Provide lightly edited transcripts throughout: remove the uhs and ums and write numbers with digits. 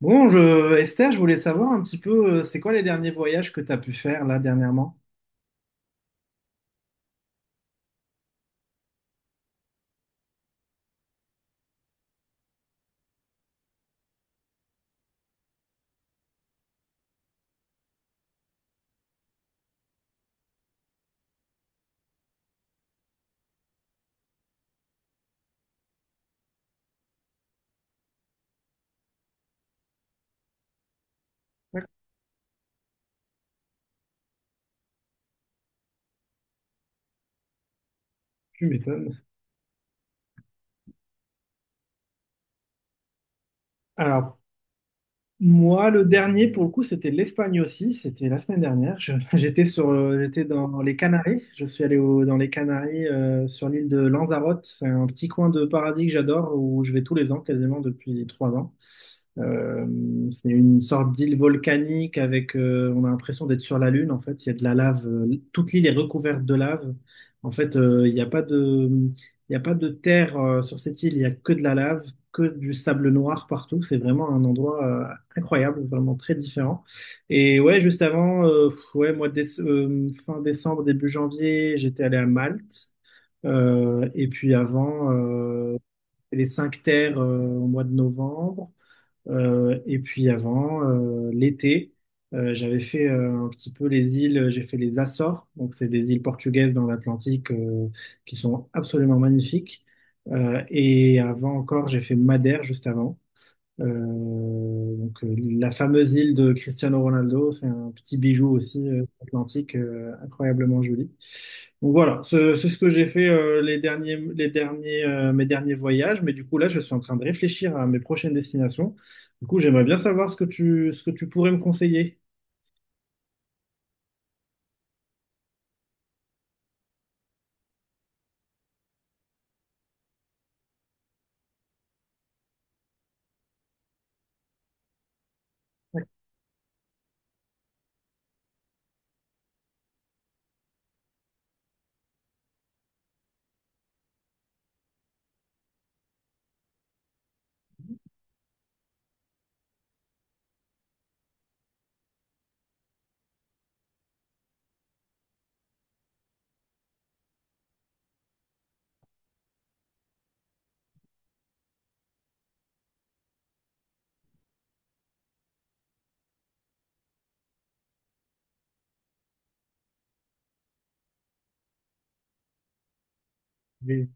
Bon, Esther, je voulais savoir un petit peu, c'est quoi les derniers voyages que tu as pu faire là dernièrement? Tu m'étonnes. Alors, moi, le dernier, pour le coup, c'était l'Espagne aussi. C'était la semaine dernière. J'étais dans les Canaries. Je suis allé dans les Canaries, sur l'île de Lanzarote. C'est un petit coin de paradis que j'adore, où je vais tous les ans, quasiment depuis 3 ans. Euh, c'est une sorte d'île volcanique avec, on a l'impression d'être sur la Lune. En fait, il y a de la lave. Toute l'île est recouverte de lave. En fait, il n'y a pas de terre, sur cette île. Il n'y a que de la lave, que du sable noir partout. C'est vraiment un endroit, incroyable, vraiment très différent. Et ouais, juste avant, ouais, mois de fin décembre, début janvier, j'étais allé à Malte. Et puis avant, les cinq terres au mois de novembre. Et puis avant, l'été, j'avais fait un petit peu les îles, j'ai fait les Açores. Donc c'est des îles portugaises dans l'Atlantique qui sont absolument magnifiques. Et avant encore, j'ai fait Madère juste avant. Donc, la fameuse île de Cristiano Ronaldo, c'est un petit bijou aussi atlantique, incroyablement joli. Donc voilà, c'est ce que j'ai fait mes derniers voyages, mais du coup là, je suis en train de réfléchir à mes prochaines destinations. Du coup, j'aimerais bien savoir ce que tu pourrais me conseiller. Oui.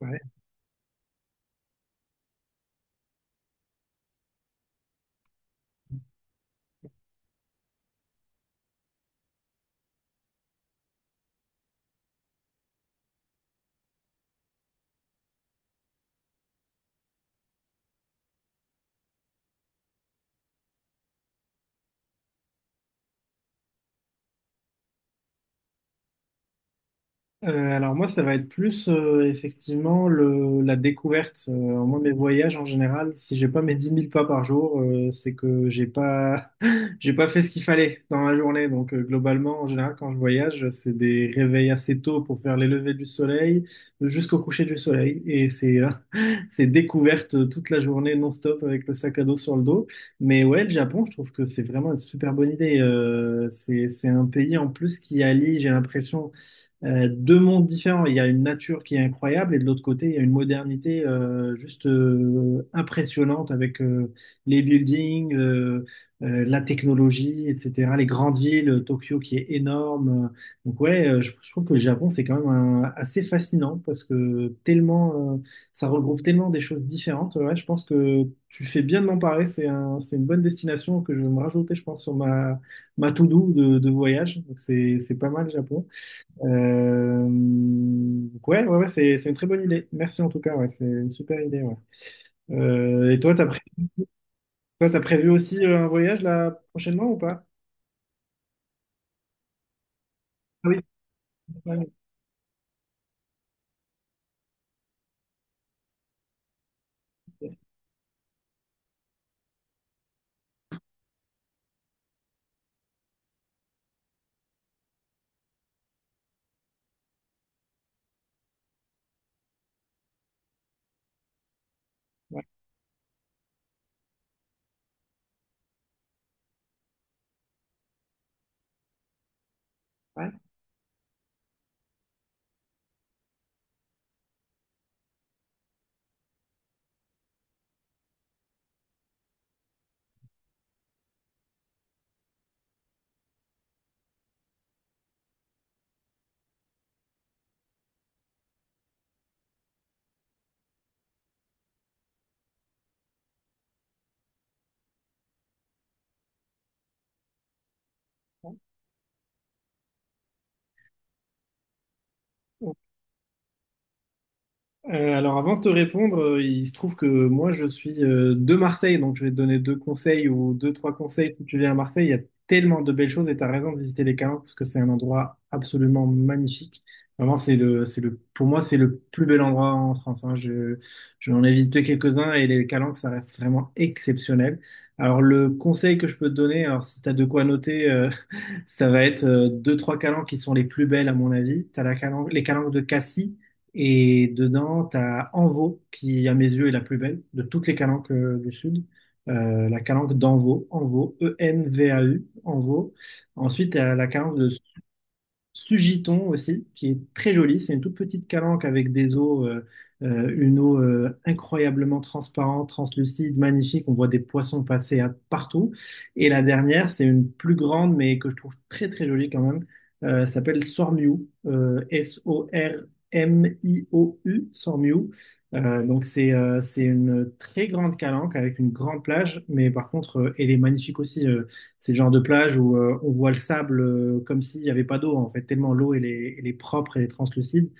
Ouais. Alors moi, ça va être plus effectivement la découverte. Moi, mes voyages en général, si j'ai pas mes 10 000 pas par jour, c'est que j'ai pas j'ai pas fait ce qu'il fallait dans la journée. Donc globalement, en général, quand je voyage, c'est des réveils assez tôt pour faire les levées du soleil jusqu'au coucher du soleil, et c'est c'est découverte toute la journée non-stop avec le sac à dos sur le dos. Mais ouais, le Japon, je trouve que c'est vraiment une super bonne idée. C'est un pays en plus qui allie, j'ai l'impression deux mondes différents. Il y a une nature qui est incroyable et de l'autre côté, il y a une modernité juste impressionnante avec les buildings, la technologie, etc. Les grandes villes, Tokyo qui est énorme. Donc ouais, je trouve que le Japon, c'est quand même assez fascinant parce que tellement, ça regroupe tellement des choses différentes. Ouais, je pense que tu fais bien de m'en parler. C'est une bonne destination que je vais me rajouter, je pense, sur ma to-do de voyage. Donc c'est pas mal, le Japon. Donc ouais, ouais, ouais, c'est une très bonne idée. Merci en tout cas, ouais, c'est une super idée. Ouais. Et toi, toi, t'as prévu aussi un voyage là prochainement ou pas? Ah oui. Ouais, ouais, ouais. Alors avant de te répondre, il se trouve que moi je suis de Marseille, donc je vais te donner deux conseils ou deux, trois conseils si tu viens à Marseille. Il y a tellement de belles choses et tu as raison de visiter les Calanques parce que c'est un endroit absolument magnifique. Vraiment, pour moi, c'est le plus bel endroit en France, hein. J'en ai visité quelques-uns et les Calanques, ça reste vraiment exceptionnel. Alors le conseil que je peux te donner, alors si tu as de quoi noter, ça va être deux, trois calanques qui sont les plus belles à mon avis. T'as les calanques de Cassis et dedans, t'as Anvaux qui, à mes yeux, est la plus belle de toutes les calanques du Sud. La calanque d'Anvaux, Anvaux, E-N-V-A-U, Anvaux. Ensuite, t'as la calanque de Sugiton aussi, qui est très jolie. C'est une toute petite calanque avec une eau incroyablement transparente, translucide, magnifique. On voit des poissons passer partout. Et la dernière, c'est une plus grande, mais que je trouve très très jolie quand même. Ça s'appelle Sormiou, S-O-R-M-I-O-U, Sormiou. Donc c'est une très grande calanque avec une grande plage, mais par contre, elle est magnifique aussi. C'est le genre de plage où on voit le sable comme s'il n'y avait pas d'eau, en fait, tellement l'eau, elle est propre, elle est translucide.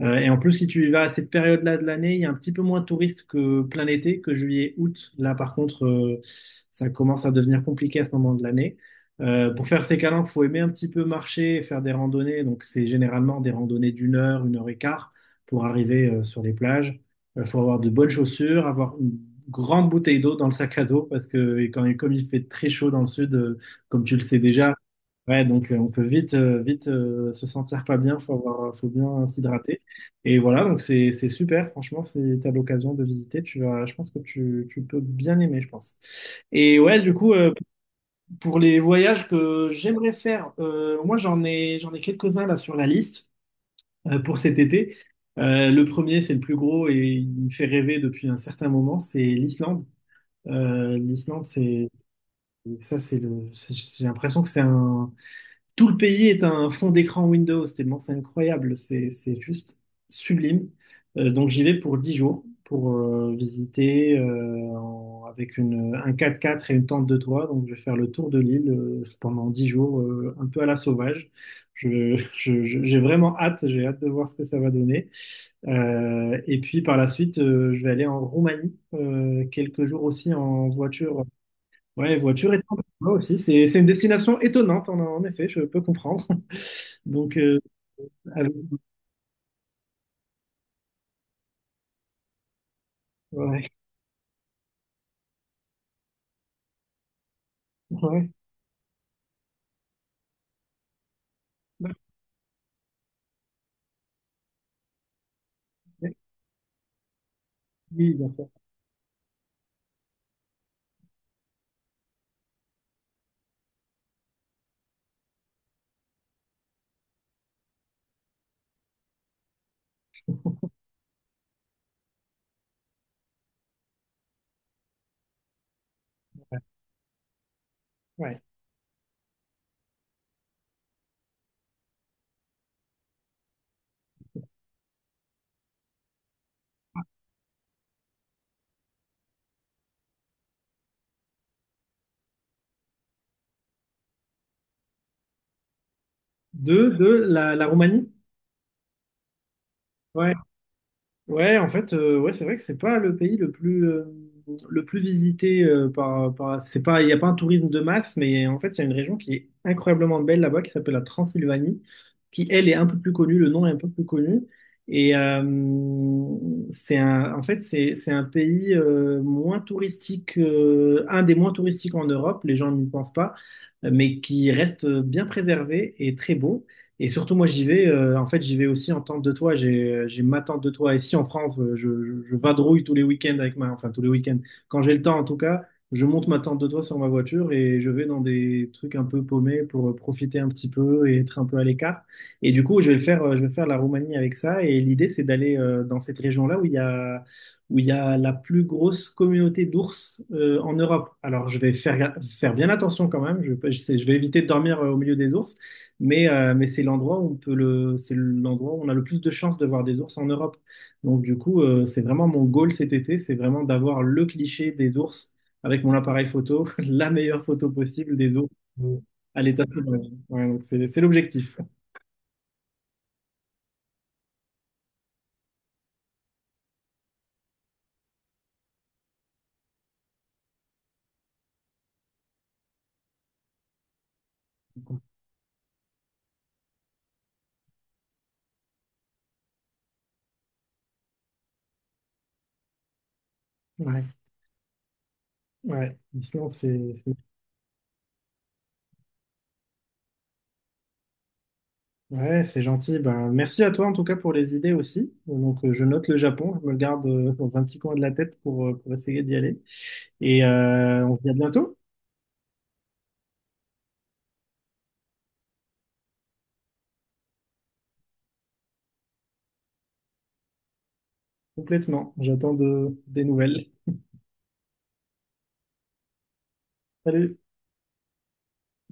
Et en plus, si tu y vas à cette période-là de l'année, il y a un petit peu moins de touristes que plein été, que juillet, août. Là, par contre, ça commence à devenir compliqué à ce moment de l'année. Pour faire ces calanques, il faut aimer un petit peu marcher et faire des randonnées. Donc, c'est généralement des randonnées d'une heure, une heure et quart pour arriver sur les plages. Il faut avoir de bonnes chaussures, avoir une grande bouteille d'eau dans le sac à dos parce que et quand, et comme il fait très chaud dans le sud, comme tu le sais déjà, ouais, donc on peut vite, se sentir pas bien, faut bien s'hydrater. Et voilà, donc c'est super, franchement, si tu l'occasion de visiter, je pense que tu peux bien aimer, je pense. Et ouais, du coup, pour les voyages que j'aimerais faire, moi j'en ai quelques-uns là sur la liste pour cet été. Le premier, c'est le plus gros et il me fait rêver depuis un certain moment, c'est l'Islande. L'Islande, c'est ça, c'est le. C'est- j'ai l'impression que c'est un. Tout le pays est un fond d'écran Windows, tellement c'est incroyable, c'est juste sublime. Donc j'y vais pour 10 jours pour visiter avec un quatre-quatre et une tente de toit. Donc je vais faire le tour de l'île pendant 10 jours, un peu à la sauvage. J'ai vraiment hâte, j'ai hâte de voir ce que ça va donner. Et puis par la suite, je vais aller en Roumanie quelques jours aussi en voiture. Ouais, voiture et temps, moi aussi, c'est une destination étonnante, en effet, je peux comprendre. Donc, avec- ouais, ouais. Ouais, oui, bien sûr. Ouais. De la Roumanie? Ouais. Ouais, en fait, ouais, c'est vrai que c'est pas le pays le plus visité par par c'est pas il y a pas un tourisme de masse, mais en fait il y a une région qui est incroyablement belle là-bas qui s'appelle la Transylvanie, qui elle est un peu plus connue, le nom est un peu plus connu et c'est un en fait, c'est un pays moins touristique, un des moins touristiques en Europe, les gens n'y pensent pas, mais qui reste bien préservé et très beau. Et surtout, moi, j'y vais. En fait, j'y vais aussi en tente de toit. J'ai ma tente de toit ici en France. Je vadrouille tous les week-ends avec enfin tous les week-ends. Quand j'ai le temps, en tout cas, je monte ma tente de toit sur ma voiture et je vais dans des trucs un peu paumés pour profiter un petit peu et être un peu à l'écart. Et du coup, je vais faire la Roumanie avec ça. Et l'idée, c'est d'aller dans cette région-là où il y a la plus grosse communauté d'ours en Europe. Alors, je vais faire bien attention quand même. Je vais éviter de dormir au milieu des ours. Mais c'est l'endroit où on a le plus de chances de voir des ours en Europe. Donc du coup, c'est vraiment mon goal cet été, c'est vraiment d'avoir le cliché des ours avec mon appareil photo, la meilleure photo possible des ours euh, à l'état sauvage. Ouais, donc c'est l'objectif. Ouais, ouais. L'Islande, ouais, c'est gentil. Ben, merci à toi en tout cas pour les idées aussi. Donc je note le Japon, je me le garde dans un petit coin de la tête pour essayer d'y aller. Et on se dit à bientôt. Complètement. J'attends des nouvelles. Salut.